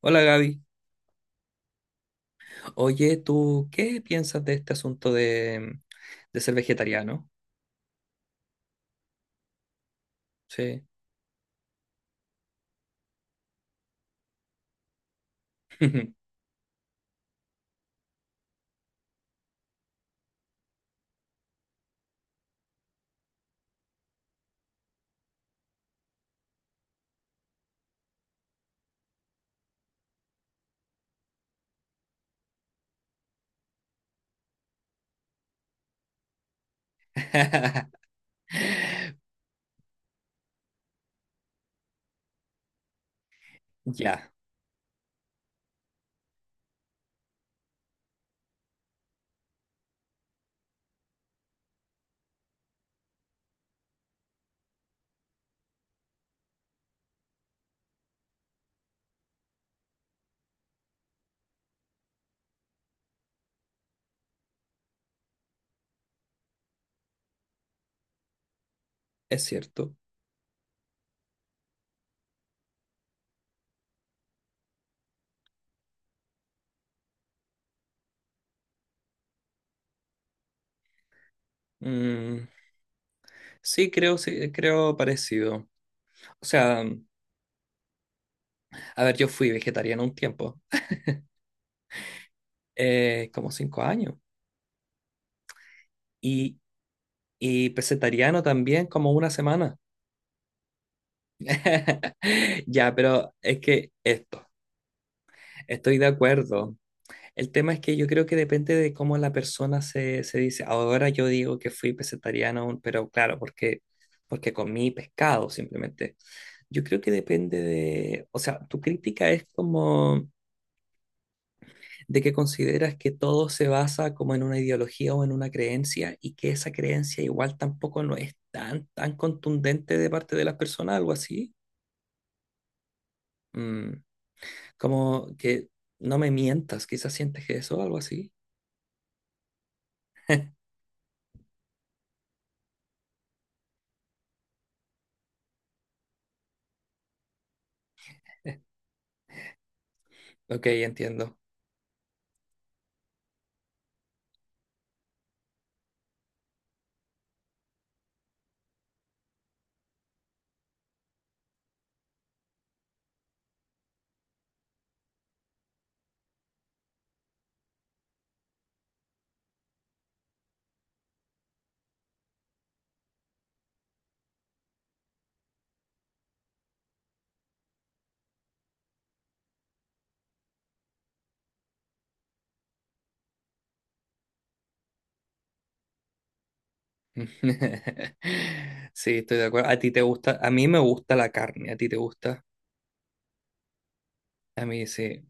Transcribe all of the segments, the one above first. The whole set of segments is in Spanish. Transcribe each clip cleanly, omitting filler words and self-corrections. Hola Gaby. Oye, ¿tú qué piensas de este asunto de ser vegetariano? Sí. Ya, es cierto. Mm, sí, creo parecido. O sea, a ver, yo fui vegetariano un tiempo, como 5 años, y pescetariano también como una semana. Ya, pero es que esto, estoy de acuerdo. El tema es que yo creo que depende de cómo la persona se dice. Ahora yo digo que fui pescetariano, pero claro, porque comí pescado simplemente. Yo creo que depende de, o sea, tu crítica es como de que consideras que todo se basa como en una ideología o en una creencia y que esa creencia igual tampoco no es tan, tan contundente de parte de las personas, algo así. Mm, Como que no me mientas, quizás sientes que eso, algo así. Ok, entiendo. Sí, estoy de acuerdo. A ti te gusta, a mí me gusta la carne, a ti te gusta, a mí sí.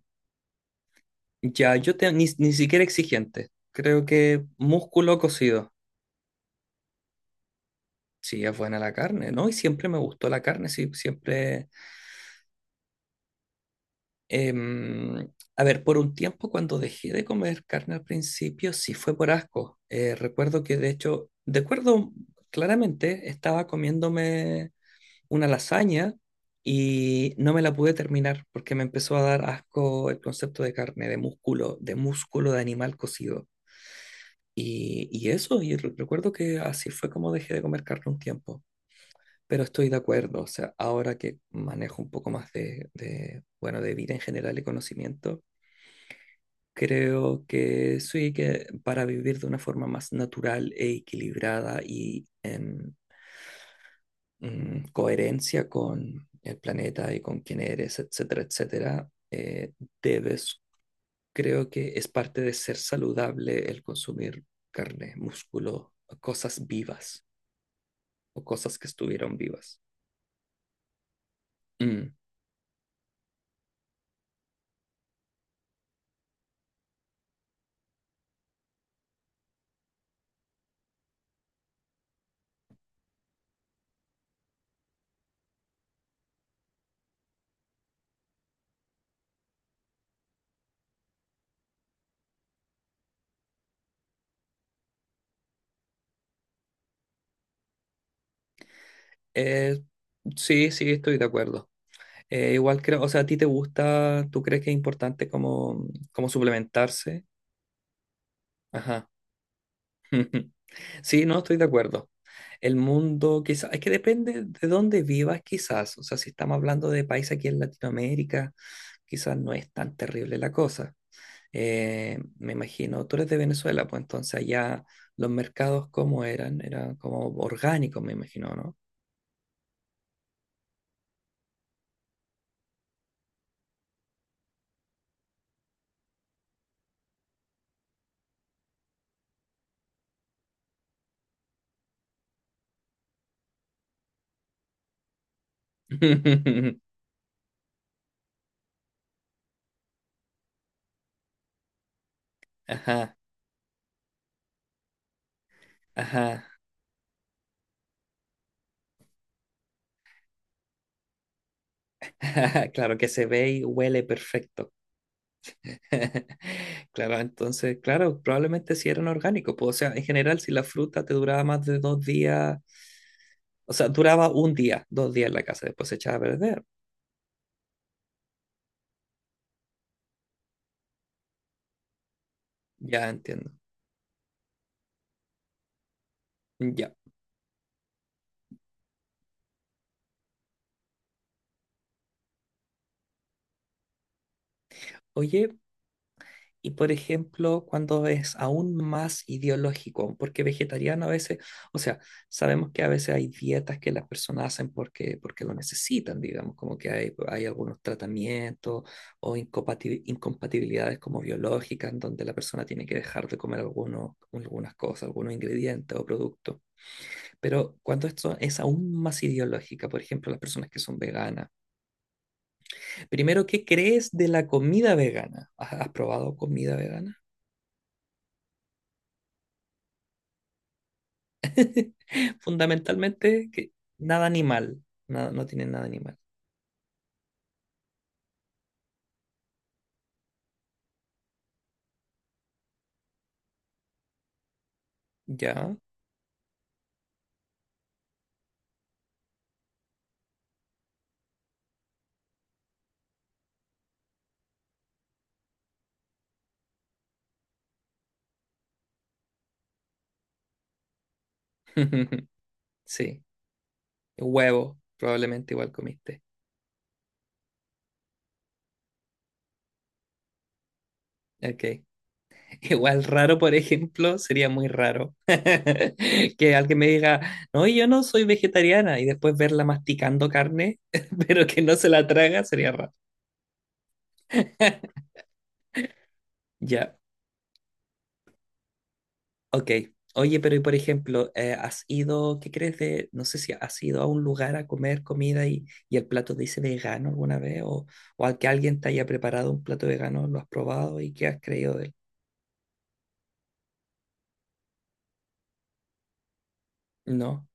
Ya, ni siquiera exigente. Creo que músculo cocido. Sí, es buena la carne, ¿no? Y siempre me gustó la carne, sí, siempre. em, a ver, por un tiempo cuando dejé de comer carne al principio, sí fue por asco. Recuerdo que de hecho, de acuerdo claramente, estaba comiéndome una lasaña y no me la pude terminar porque me empezó a dar asco el concepto de carne, de músculo, de músculo de animal cocido. Y eso, y recuerdo que así fue como dejé de comer carne un tiempo. Pero estoy de acuerdo, o sea, ahora que manejo un poco más de, bueno, de vida en general y conocimiento, creo que sí, que para vivir de una forma más natural e equilibrada y en coherencia con el planeta y con quién eres, etcétera, etcétera, debes, creo que es parte de ser saludable el consumir carne, músculo, cosas vivas o cosas que estuvieron vivas. Mm. Eh, sí, sí, estoy de acuerdo. Igual creo, o sea, ¿a ti te gusta, tú crees que es importante como suplementarse? Ajá. Sí, no, estoy de acuerdo. El mundo, quizás, es que depende de dónde vivas, quizás. O sea, si estamos hablando de país aquí en Latinoamérica, quizás no es tan terrible la cosa. Me imagino, tú eres de Venezuela, pues entonces allá los mercados, ¿cómo eran? Eran como orgánicos, me imagino, ¿no? Ajá, ajá. Claro que se ve y huele perfecto. Claro, entonces, claro, probablemente sí eran orgánicos, pues, o sea, en general, si la fruta te duraba más de 2 días, o sea, duraba un día, 2 días en la casa, después se echaba a perder. Ya entiendo. Ya. Oye, y por ejemplo, cuando es aún más ideológico, porque vegetariano a veces, o sea, sabemos que a veces hay dietas que las personas hacen porque, porque lo necesitan, digamos, como que hay algunos tratamientos o incompatibilidades como biológicas, en donde la persona tiene que dejar de comer algunos, algunas cosas, algunos ingredientes o productos. Pero cuando esto es aún más ideológica, por ejemplo, las personas que son veganas, primero, ¿qué crees de la comida vegana? ¿Has probado comida vegana? Fundamentalmente, que nada animal. Nada, no tienen nada animal. Ya. Sí. Huevo, probablemente igual comiste. Ok. Igual raro, por ejemplo, sería muy raro que alguien me diga, no, yo no soy vegetariana, y después verla masticando carne, pero que no se la traga, sería raro. Ya. Ok. Oye, pero y por ejemplo, ¿has ido, qué crees de, no sé si has ido a un lugar a comer comida y el plato dice vegano alguna vez o al que alguien te haya preparado un plato vegano, lo has probado y qué has creído de él? No,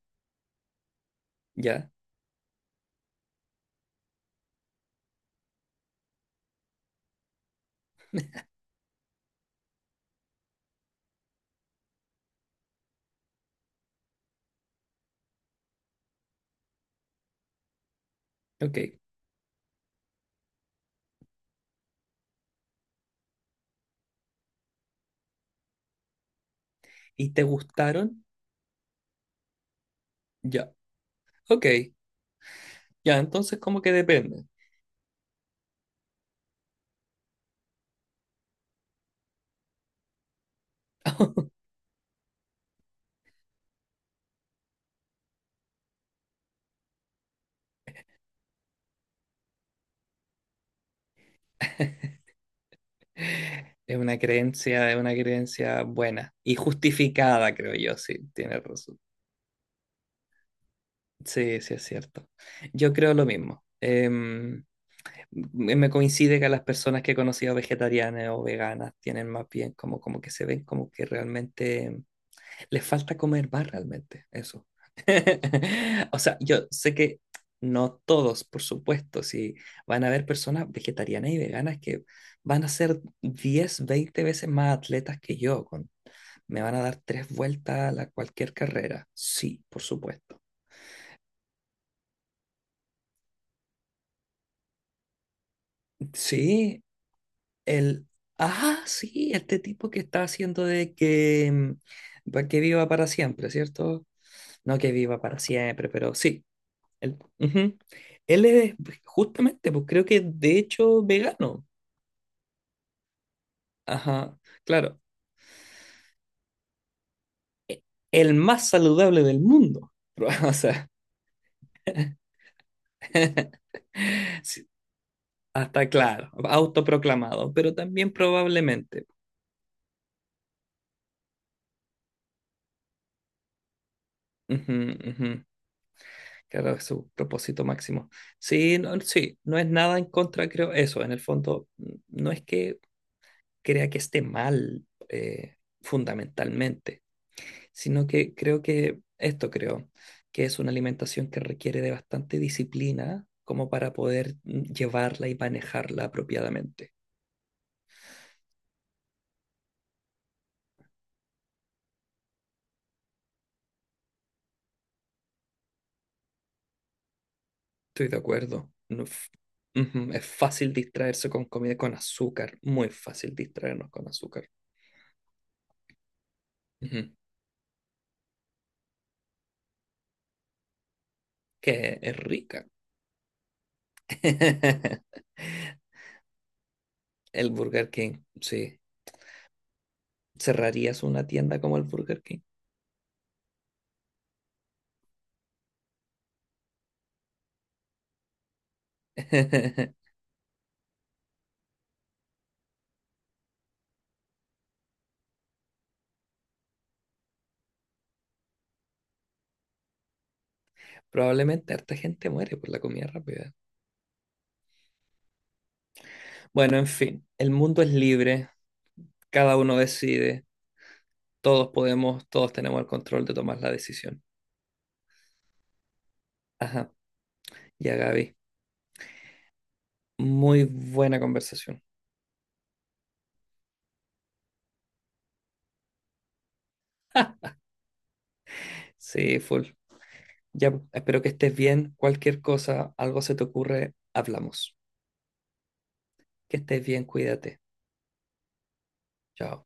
ya, ok. ¿Y te gustaron? Ya, ok, ya, entonces como que depende. Es una creencia buena y justificada, creo yo, sí, tienes razón. Sí, sí, es cierto. Yo creo lo mismo. Me coincide que las personas que he conocido vegetarianas o veganas tienen más bien como, como que se ven como que realmente les falta comer más realmente, eso. O sea, yo sé que no todos, por supuesto, si van a haber personas vegetarianas y veganas que van a ser 10 20 veces más atletas que yo, con, me van a dar tres vueltas a la- cualquier carrera, sí, por supuesto. Sí, El, ah, sí, este tipo que está haciendo de que, que viva para siempre, ¿cierto? No que viva para siempre, pero sí. Él, ujú. Él es pues, justamente, pues creo que de hecho vegano. Ajá, claro. El más saludable del mundo. O sea, sí, hasta claro, autoproclamado, pero también probablemente. Ujú, ujú. Claro, es su propósito máximo. Sí, no, sí, no es nada en contra, creo, eso, en el fondo, no es que crea que esté mal fundamentalmente, sino que creo que, esto creo, que es una alimentación que requiere de bastante disciplina como para poder llevarla y manejarla apropiadamente. Estoy de acuerdo. No f- Ujú, es fácil distraerse con comida con azúcar, muy fácil distraernos con azúcar. Ujú, que es rica. El Burger King, sí. ¿Cerrarías una tienda como el Burger King? Probablemente harta gente muere por la comida rápida. Bueno, en fin, el mundo es libre, cada uno decide, todos podemos, todos tenemos el control de tomar la decisión. Ajá, ya Gaby, muy buena conversación. Sí, full. Ya, espero que estés bien, cualquier cosa, algo se te ocurre, hablamos. Que estés bien, cuídate. Chao.